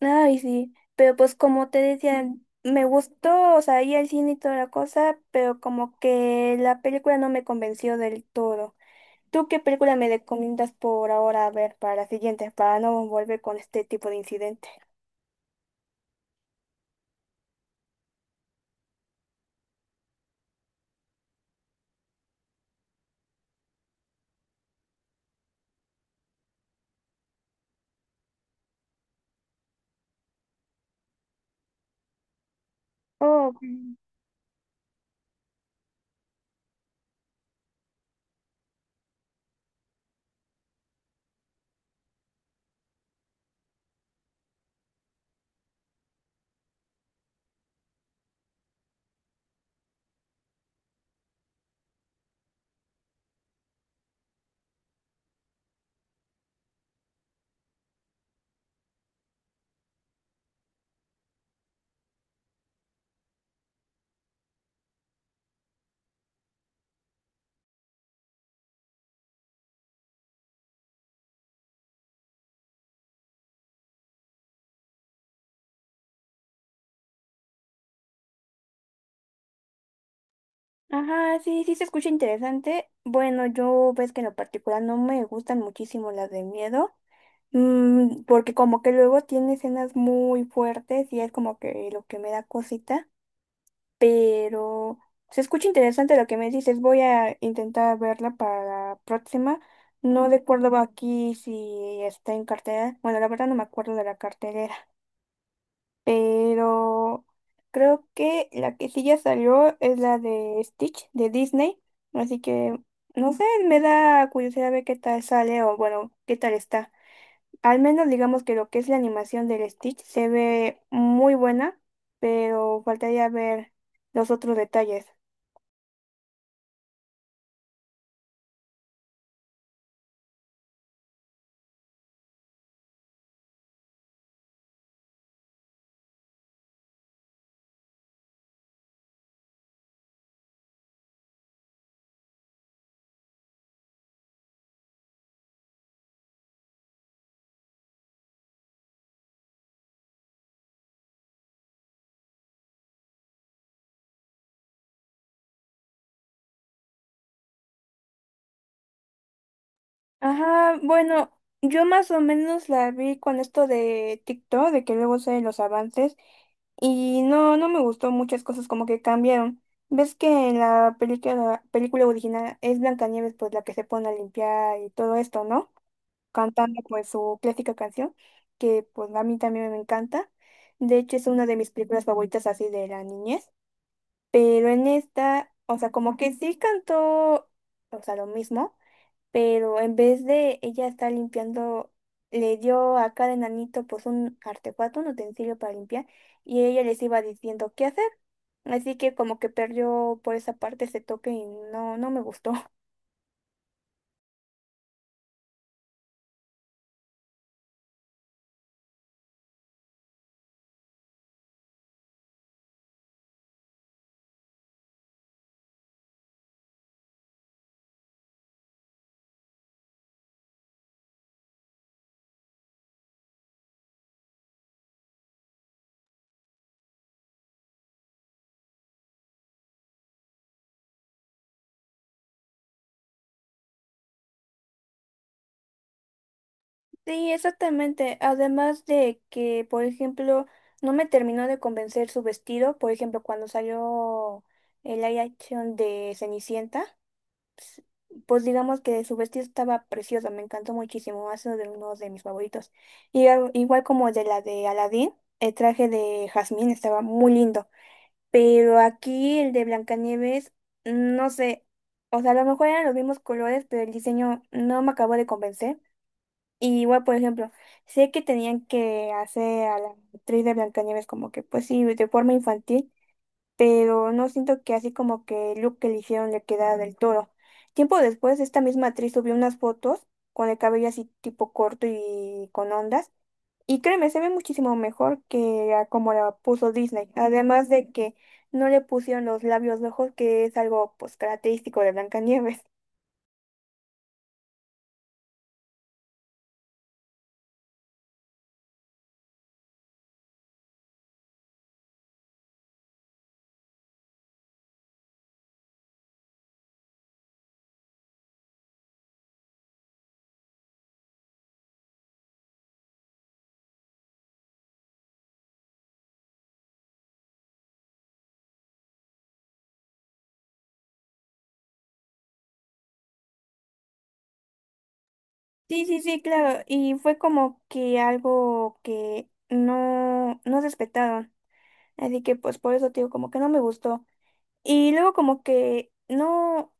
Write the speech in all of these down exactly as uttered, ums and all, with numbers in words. Ay, sí, pero pues como te decía, me gustó, o sea, ir al cine y toda la cosa, pero como que la película no me convenció del todo. ¿Tú qué película me recomiendas por ahora ver para la siguiente, para no volver con este tipo de incidente? Oh, mm, ajá, sí, sí se escucha interesante. Bueno, yo ves que en lo particular no me gustan muchísimo las de miedo, mm, porque como que luego tiene escenas muy fuertes y es como que lo que me da cosita. Pero se escucha interesante lo que me dices. Voy a intentar verla para la próxima. No recuerdo aquí si está en cartelera. Bueno, la verdad no me acuerdo de la cartelera, pero creo que la que sí ya salió es la de Stitch de Disney. Así que no sé, me da curiosidad ver qué tal sale o bueno, qué tal está. Al menos digamos que lo que es la animación del Stitch se ve muy buena, pero faltaría ver los otros detalles. Ajá, bueno, yo más o menos la vi con esto de TikTok, de que luego salen los avances, y no, no me gustó muchas cosas como que cambiaron. ¿Ves que en la película, película original es Blancanieves pues la que se pone a limpiar y todo esto, no? Cantando pues su clásica canción, que pues a mí también me encanta. De hecho es una de mis películas favoritas así de la niñez, pero en esta, o sea, como que sí cantó, o sea, lo mismo pero en vez de ella estar limpiando, le dio a cada enanito pues un artefacto, un utensilio para limpiar, y ella les iba diciendo qué hacer. Así que como que perdió por esa parte ese toque y no, no me gustó. Sí, exactamente. Además de que, por ejemplo, no me terminó de convencer su vestido, por ejemplo, cuando salió el live action de Cenicienta. Pues digamos que su vestido estaba precioso, me encantó muchísimo, ha sido de uno de mis favoritos. Y al- igual como de la de Aladdin, el traje de Jazmín estaba muy lindo, pero aquí el de Blancanieves, no sé, o sea, a lo mejor eran los mismos colores, pero el diseño no me acabó de convencer. Y igual, por ejemplo, sé que tenían que hacer a la actriz de Blancanieves como que, pues sí, de forma infantil, pero no siento que así como que el look que le hicieron le quedara del todo. Tiempo después, esta misma actriz subió unas fotos con el cabello así tipo corto y con ondas, y créeme, se ve muchísimo mejor que a como la puso Disney, además de que no le pusieron los labios rojos, que es algo pues característico de Blancanieves. Sí, sí, sí, claro, y fue como que algo que no, no respetaron, así que pues por eso te digo, como que no me gustó. Y luego como que no,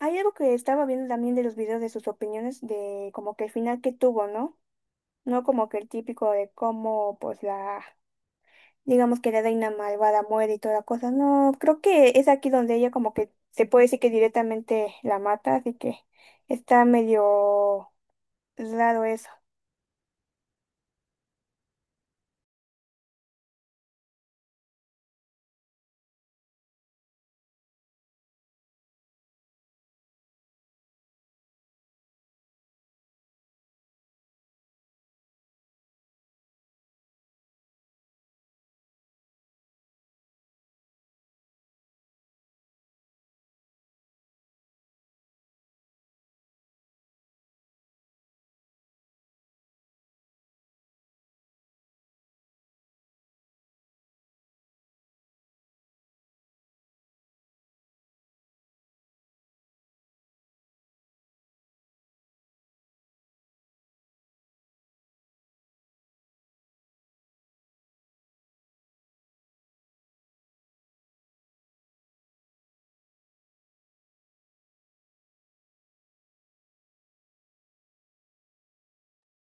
hay algo que estaba viendo también de los videos de sus opiniones, de como que el final que tuvo, ¿no? No como que el típico de cómo pues la, digamos que la reina malvada muere y toda la cosa, no, creo que es aquí donde ella como que se puede decir que directamente la mata, así que está medio raro.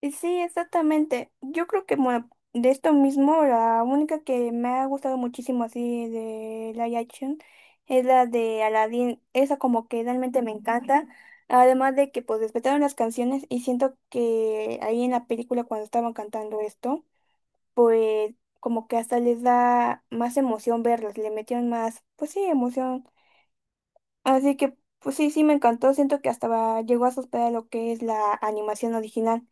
Y sí, exactamente. Yo creo que bueno, de esto mismo, la única que me ha gustado muchísimo así de live action es la de Aladdin. Esa como que realmente me encanta. Además de que pues respetaron las canciones y siento que ahí en la película cuando estaban cantando esto, pues como que hasta les da más emoción verlas, le metieron más, pues sí, emoción. Así que pues sí, sí me encantó. Siento que hasta va- llegó a superar lo que es la animación original.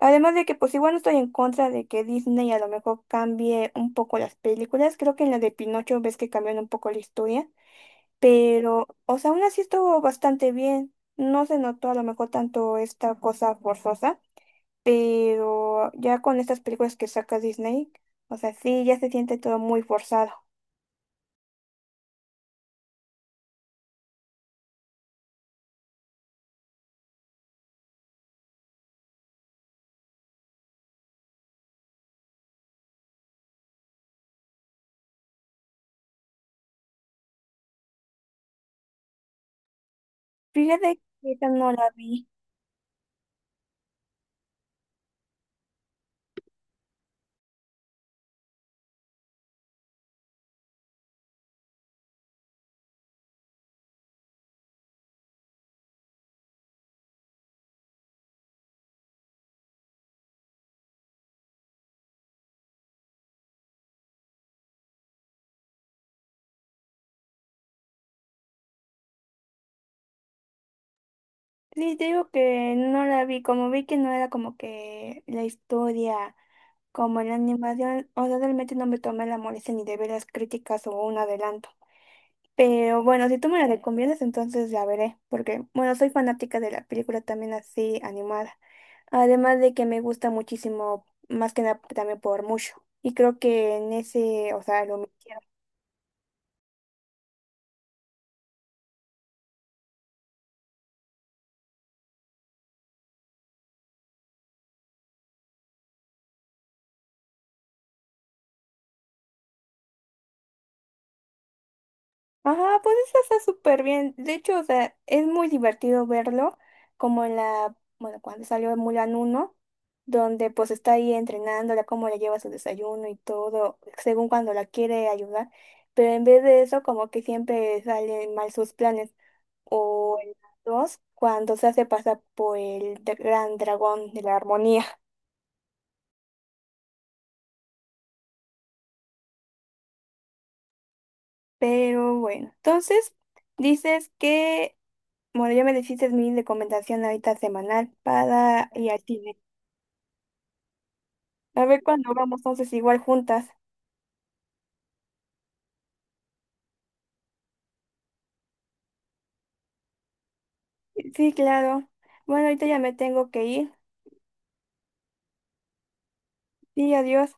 Además de que pues igual no estoy en contra de que Disney a lo mejor cambie un poco las películas. Creo que en la de Pinocho ves que cambiaron un poco la historia. Pero, o sea, aún así estuvo bastante bien. No se notó a lo mejor tanto esta cosa forzosa. Pero ya con estas películas que saca Disney, o sea, sí, ya se siente todo muy forzado. Fíjate que esa no la vi. Sí, te digo que no la vi, como vi que no era como que la historia, como en la animación, o sea, realmente no me tomé la molestia ni de ver las críticas o un adelanto. Pero bueno, si tú me la recomiendas, entonces la veré, porque bueno, soy fanática de la película también así animada. Además de que me gusta muchísimo, más que nada también por mucho. Y creo que en ese, o sea, lo ajá, pues eso está súper bien. De hecho, o sea, es muy divertido verlo, como en la, bueno, cuando salió Mulan uno donde pues está ahí entrenándola, cómo le lleva su desayuno y todo, según cuando la quiere ayudar. Pero en vez de eso, como que siempre salen mal sus planes. O en la dos, cuando se hace pasar por el dra- gran dragón de la armonía. Pero bueno, entonces dices que bueno, ya me dijiste mi recomendación ahorita semanal para ir al cine. A ver cuándo vamos entonces igual juntas. Sí, claro. Bueno, ahorita ya me tengo que ir. Sí, adiós.